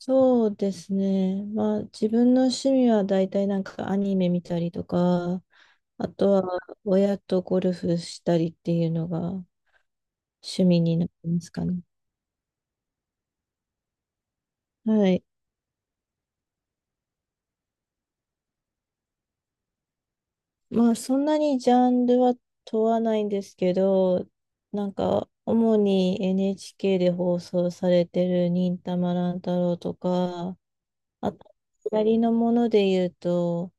そうですね。まあ自分の趣味は大体アニメ見たりとか、あとは親とゴルフしたりっていうのが趣味になりますかね。はい。まあそんなにジャンルは問わないんですけど、主に NHK で放送されてる忍たま乱太郎とか、あと、左のもので言うと、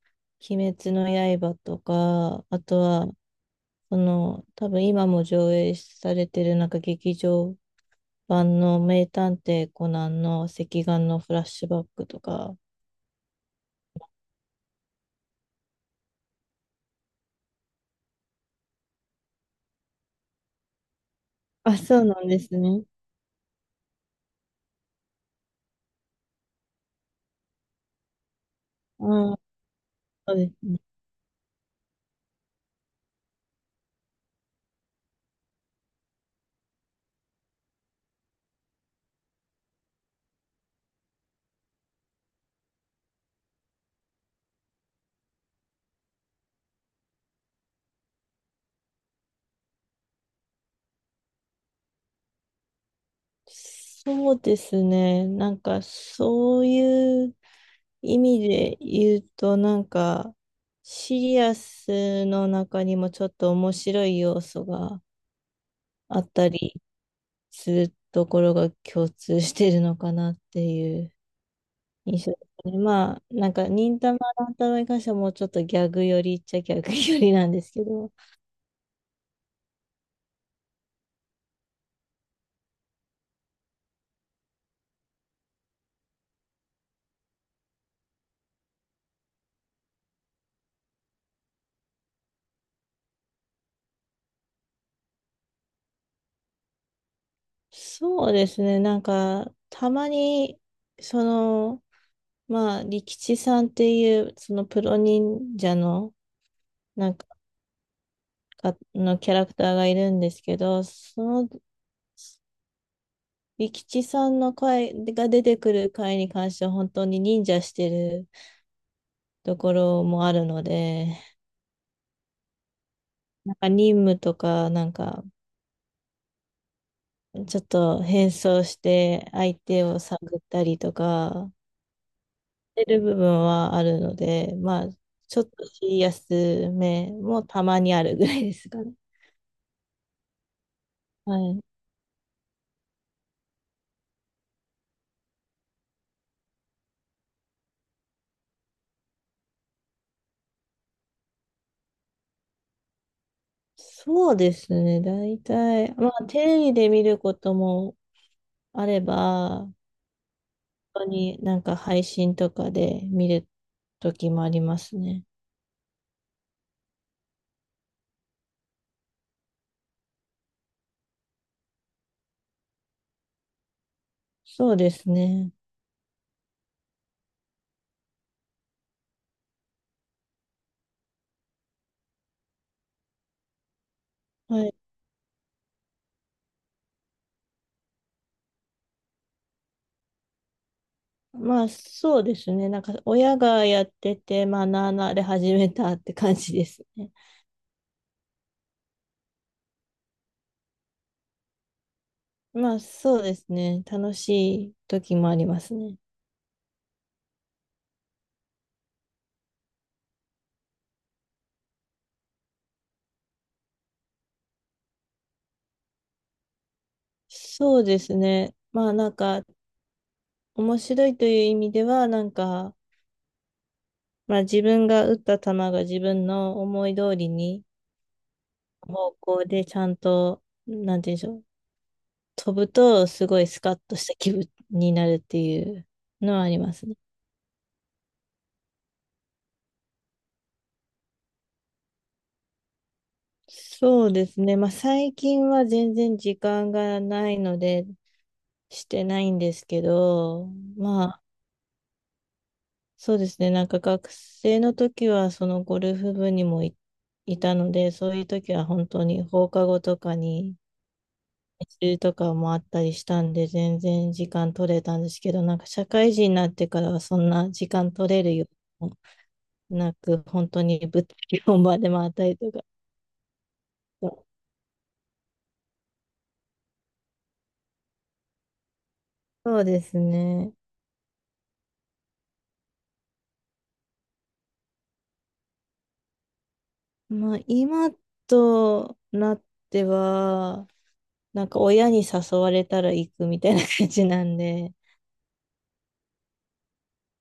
鬼滅の刃とか、あとは多分今も上映されてるなんか劇場版の名探偵コナンの赤眼のフラッシュバックとか。あ、そうなんですね。うん、そうですね。そうですね。なんかそういう意味で言うと、なんかシリアスの中にもちょっと面白い要素があったりするところが共通してるのかなっていう印象ですね。まあ、なんか、忍たま乱太郎に関してはもうちょっとギャグ寄りっちゃギャグ寄りなんですけど、そうですね、なんか、たまに、その、利吉さんっていう、そのプロ忍者の、なんか、のキャラクターがいるんですけど、利吉さんの回が出てくる回に関しては、本当に忍者してるところもあるので、なんか任務とか、ちょっと変装して相手を探ったりとか、してる部分はあるので、まあ、ちょっとシリアスめもたまにあるぐらいですかね。はい。そうですね。大体、まあ、テレビで見ることもあれば、本当になんか配信とかで見る時もありますね。そうですね。はい。まあ、そうですね。なんか、親がやってて学んで始めたって感じですね。まあそうですね。楽しい時もありますね。そうですね。まあなんか面白いという意味ではなんか、まあ自分が打った球が自分の思い通りに方向でちゃんと、なんて言うんでしょう。飛ぶとすごいスカッとした気分になるっていうのはありますね。そうですね。まあ最近は全然時間がないのでしてないんですけど、まあそうですね。なんか学生の時はそのゴルフ部にいたので、そういう時は本当に放課後とかに練習とかもあったりしたんで、全然時間取れたんですけど、なんか社会人になってからはそんな時間取れるようもなく、本当に物理本番で回ったりとか。そうですね。まあ今となっては、なんか親に誘われたら行くみたいな感じなんで、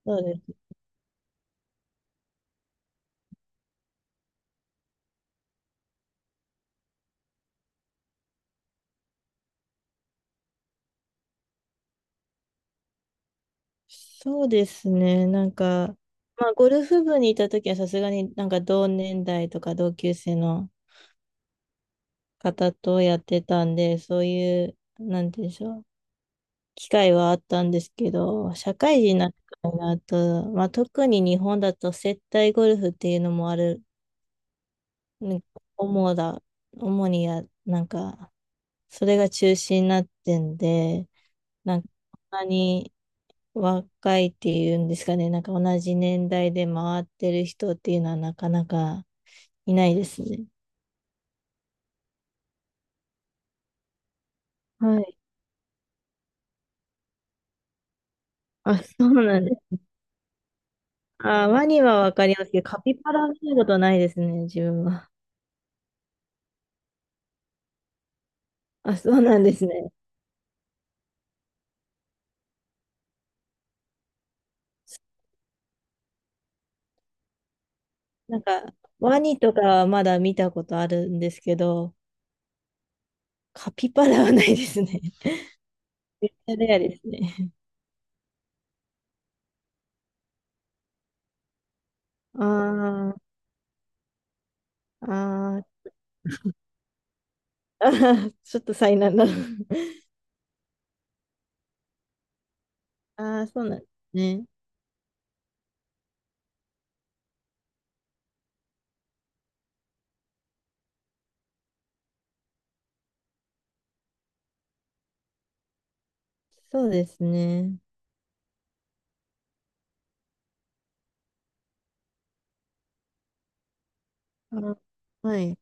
そうですそうですね。なんか、まあ、ゴルフ部にいた時はさすがになんか同年代とか同級生の方とやってたんで、そういう、なんて言うんでしょう、機会はあったんですけど、社会人になってからになると、まあ、特に日本だと接待ゴルフっていうのもある、ね、主だ、主にや、それが中心になってんで、なんか、そんなに若いっていうんですかね、なんか同じ年代で回ってる人っていうのはなかなかいないですね。はい。あ、そうなんです。あ、ワニはわかりますけど、カピバラは見たことないですね、自分は。あ、そうなんですね。なんか、ワニとかはまだ見たことあるんですけど、カピバラはないですね。レアですね。あー、あー、あー、ちょっと災難だ。ああ、そうなんですね。そうですね。あ、はい。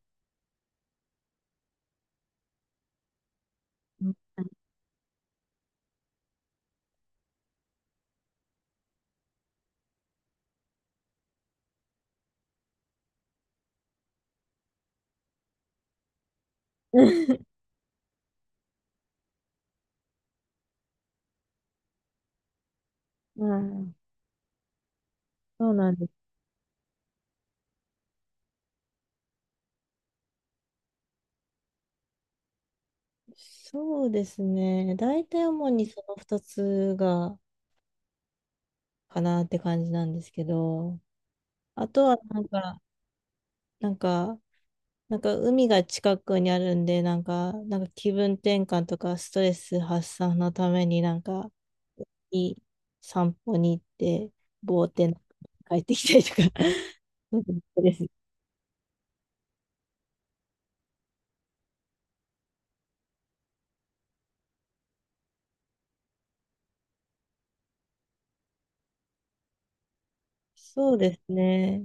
うん、そうなんです。そうですね。大体主にその2つが、かなって感じなんですけど、あとはなんか、なんか、なんか海が近くにあるんで、なんか気分転換とかストレス発散のためになんか、いい散歩に行って、ぼーってなんか帰ってきたりとか、なんかです。そうですね。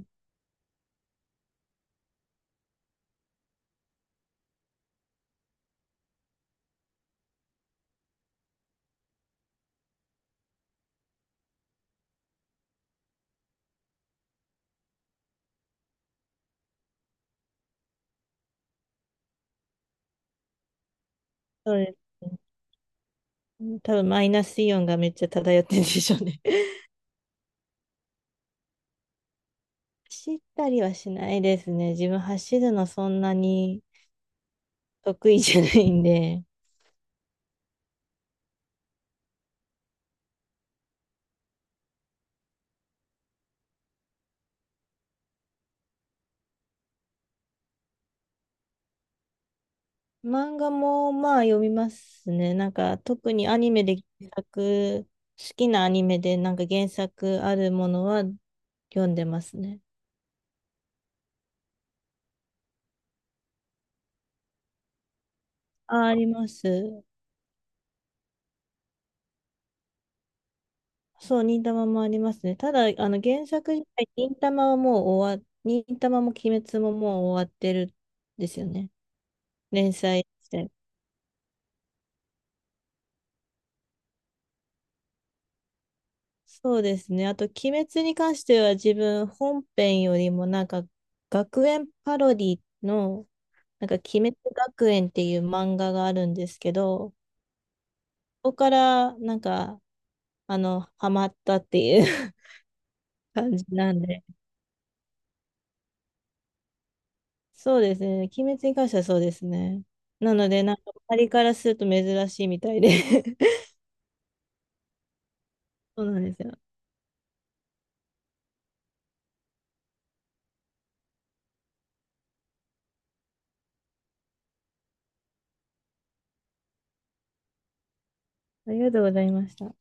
そうですね。多分マイナスイオンがめっちゃ漂ってるんでしょうね。走ったりはしないですね。自分走るのそんなに得意じゃないんで。漫画もまあ読みますね。なんか特にアニメで原作、好きなアニメでなんか原作あるものは読んでますね。あ、あります。そう、忍たまもありますね。ただ、あの原作自体、忍たまも鬼滅ももう終わってるんですよね。連載して。そうですね。あと、鬼滅に関しては自分本編よりもなんか学園パロディのなんか鬼滅学園っていう漫画があるんですけど、そこからなんかあの、ハマったっていう 感じなんで。そうですね。鬼滅に関してはそうですね。なので、なんか周りからすると珍しいみたいで そうなんですよ。ありがとうございました。